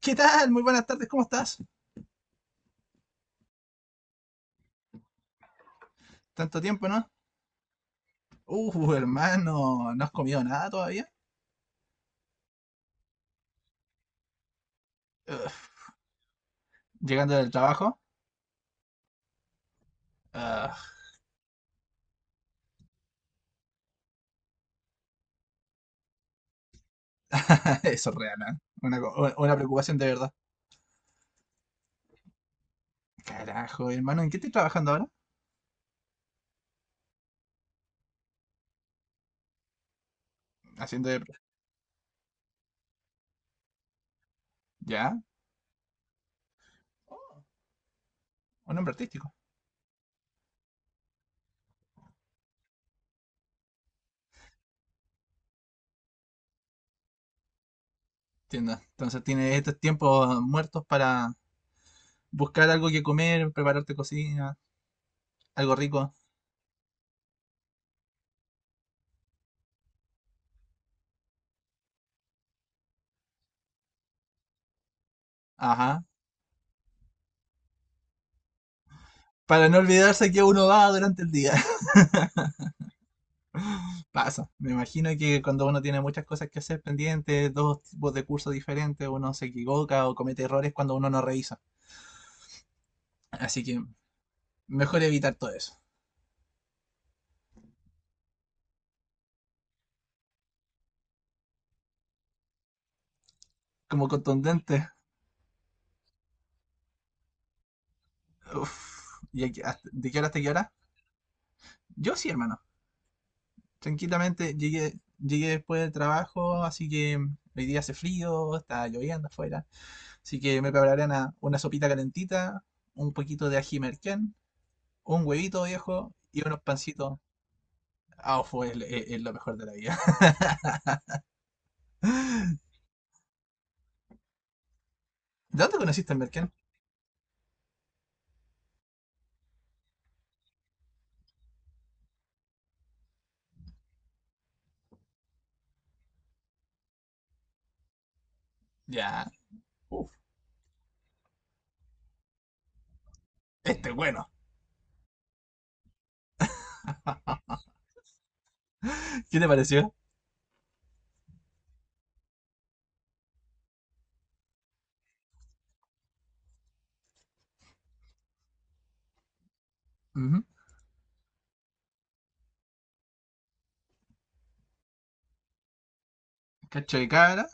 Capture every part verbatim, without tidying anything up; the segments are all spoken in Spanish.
¿Qué tal? Muy buenas tardes, ¿cómo estás? Tanto tiempo, ¿no? Uh, hermano, ¿no has comido nada todavía? Ugh, llegando del trabajo. Ugh, eso es real, ¿eh? Una, co- una preocupación de verdad. Carajo, hermano, ¿en qué estoy trabajando ahora? Haciendo de... ¿Ya? Oh, un hombre artístico. Entiendo. Entonces tienes estos tiempos muertos para buscar algo que comer, prepararte cocina, algo rico. Ajá. Para no olvidarse que uno va durante el día. Pasa, me imagino que cuando uno tiene muchas cosas que hacer pendientes, dos tipos de cursos diferentes, uno se equivoca o comete errores cuando uno no revisa. Así que mejor evitar todo eso. Como contundente. Uf. ¿Y aquí- hasta- de qué hora hasta qué hora? Yo sí, hermano. Tranquilamente llegué, llegué después del trabajo, así que hoy día hace frío, está lloviendo afuera. Así que me prepararé una, una sopita calentita, un poquito de ají merquén, un huevito viejo y unos pancitos. Ah, fue el- el- el lo mejor de la vida. ¿De dónde conociste al Merkel? Ya. Uf, este es bueno. ¿Qué te pareció? Ujú. Cacho de cabra.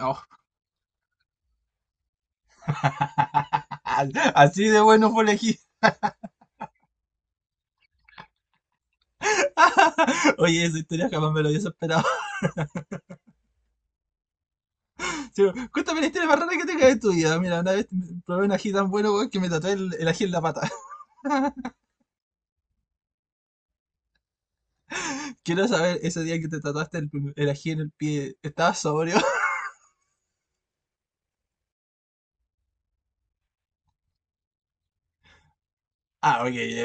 Oh. Así de bueno fue elegir. Oye, esa historia jamás me lo hubiese esperado. Sí, cuéntame la historia más rara que tengas de tu vida. Mira, una vez probé un ají tan bueno weón, que me tatué el, el ají en la pata. Quiero saber, ese día que te tatuaste el, el ají en el pie, ¿estabas sobrio? Ah, ok, ya.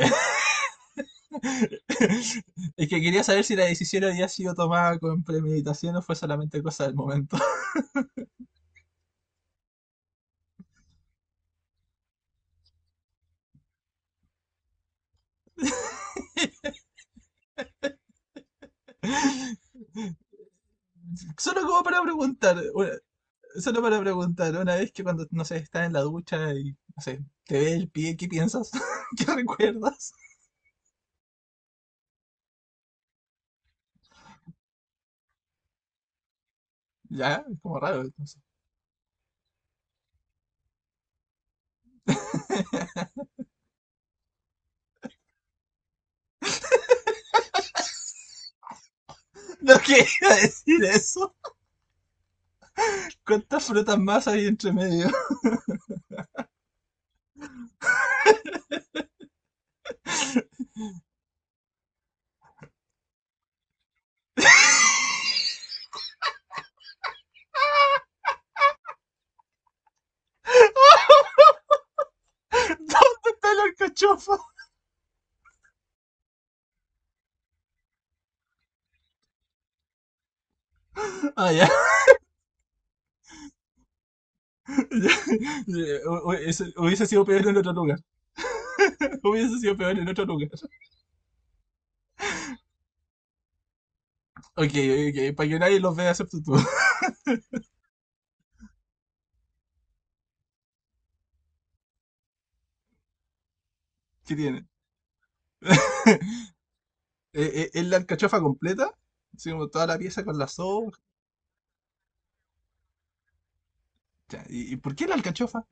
Es que quería saber si la decisión había sido tomada con premeditación o fue solamente cosa del momento. Solo como para preguntar, una- Solo para preguntar, una vez que cuando, no sé, estás en la ducha y, no sé, te ve el pie, ¿qué piensas? ¿Qué recuerdas? Ya, es como raro. No. No quería decir eso. ¿Cuántas frutas más hay entre medio? ¿Dónde está la alcachofa? Ah, ya. Ya. Hu- hu- eso hubiese sido peor en otro lugar. Hubiese sido peor en otro lugar. Ok, ok, para que nadie los vea excepto tú. ¿Qué tiene? Eh, eh, ¿Es la alcachofa completa? Así como toda la pieza con la sopa. Ya, ¿y y por qué la alcachofa?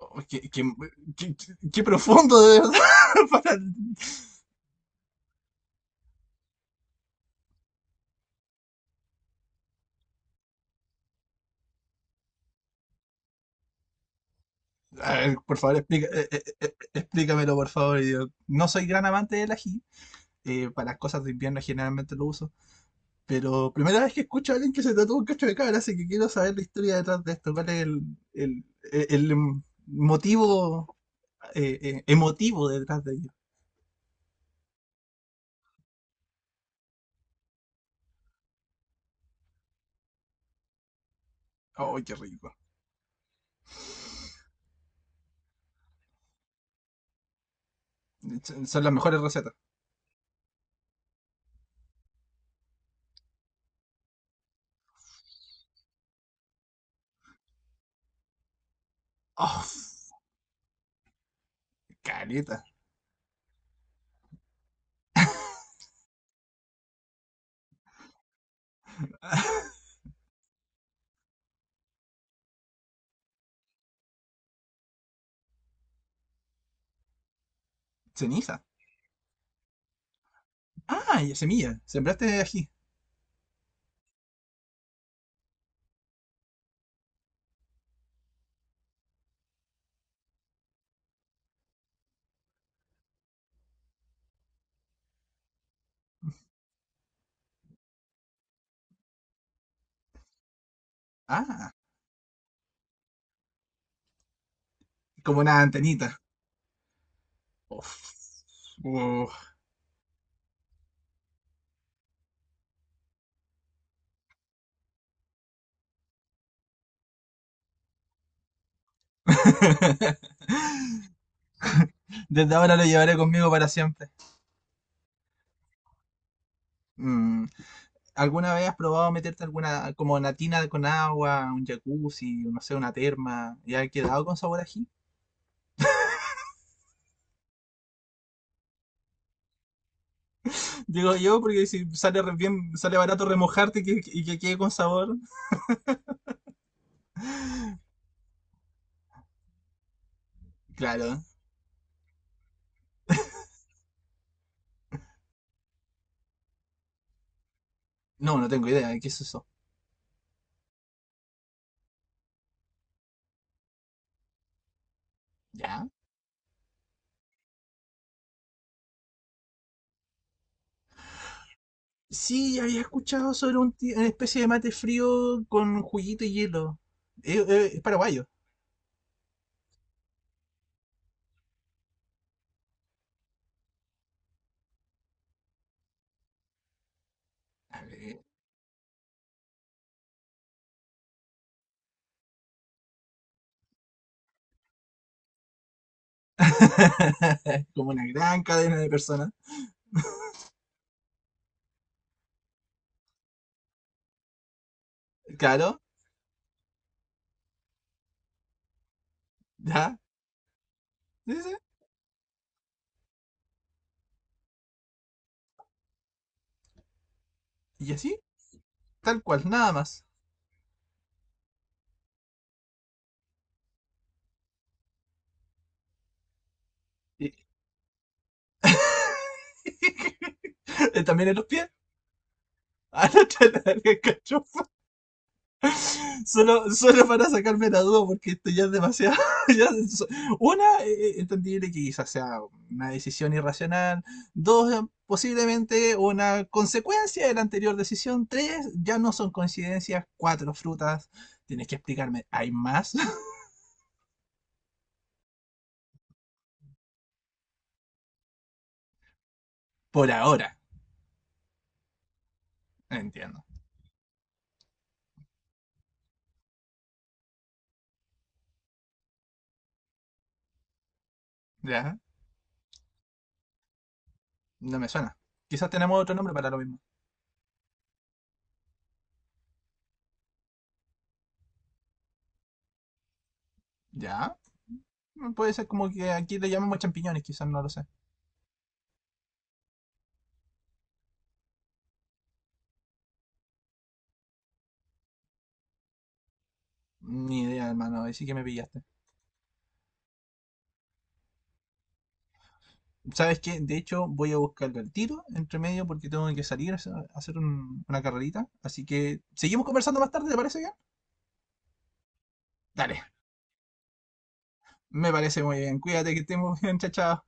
Oh, qué, qué- qué- qué profundo, de verdad. Para... A ver, por favor, explica- eh, eh, eh, explícamelo, por favor. Yo no soy gran amante del ají. Eh, para las cosas de invierno generalmente lo uso. Pero primera vez que escucho a alguien que se trató un cacho de cabra, así que quiero saber la historia detrás de esto. ¿Cuál es el, el- el- el, mm, motivo eh, eh, emotivo detrás de ello? ¡Ay, qué rico! Son son las mejores recetas. Oh, caleta. Ceniza. Ah, y semilla. Sembraste ají. Ah, como una antenita. Uf. Uh. Desde ahora lo llevaré conmigo para siempre. Mm, ¿alguna vez has probado meterte alguna como una tina con agua, un jacuzzi, no sé, una terma? ¿Ya ha quedado con sabor a ají? Digo yo, porque si sale re- bien, sale barato remojarte y que, y que quede con sabor. Claro. No, no tengo idea. ¿Qué es eso? ¿Ya? Sí, había escuchado sobre un ti- una especie de mate frío con juguito y hielo. Eh, eh, es paraguayo. A ver. Como una gran cadena de personas. Claro, ya. Sí, sí, sí. Y así, tal cual, nada más. Y... También en los pies. Ah, no, te la- el cacho. Solo, solo para sacarme la duda, porque esto ya es demasiado. ya es- so-, una, eh, eh, entendible que quizás sea una decisión irracional. Dos, eh, posiblemente una consecuencia de la anterior decisión. Tres, ya no son coincidencias. Cuatro, frutas. Tienes que explicarme, ¿hay más? Por ahora, entiendo. ¿Ya? No me suena. Quizás tenemos otro nombre para lo mismo. ¿Ya? Puede ser como que aquí le llamamos champiñones, quizás no lo sé. Ni idea, hermano. Ahí sí que me pillaste. ¿Sabes qué? De hecho, voy a buscarlo al tiro, entre medio, porque tengo que salir a hacer a hacer un- una carrerita. Así que, ¿seguimos conversando más tarde? ¿Te parece bien? Dale, me parece muy bien. Cuídate, que estemos bien, chao, chao.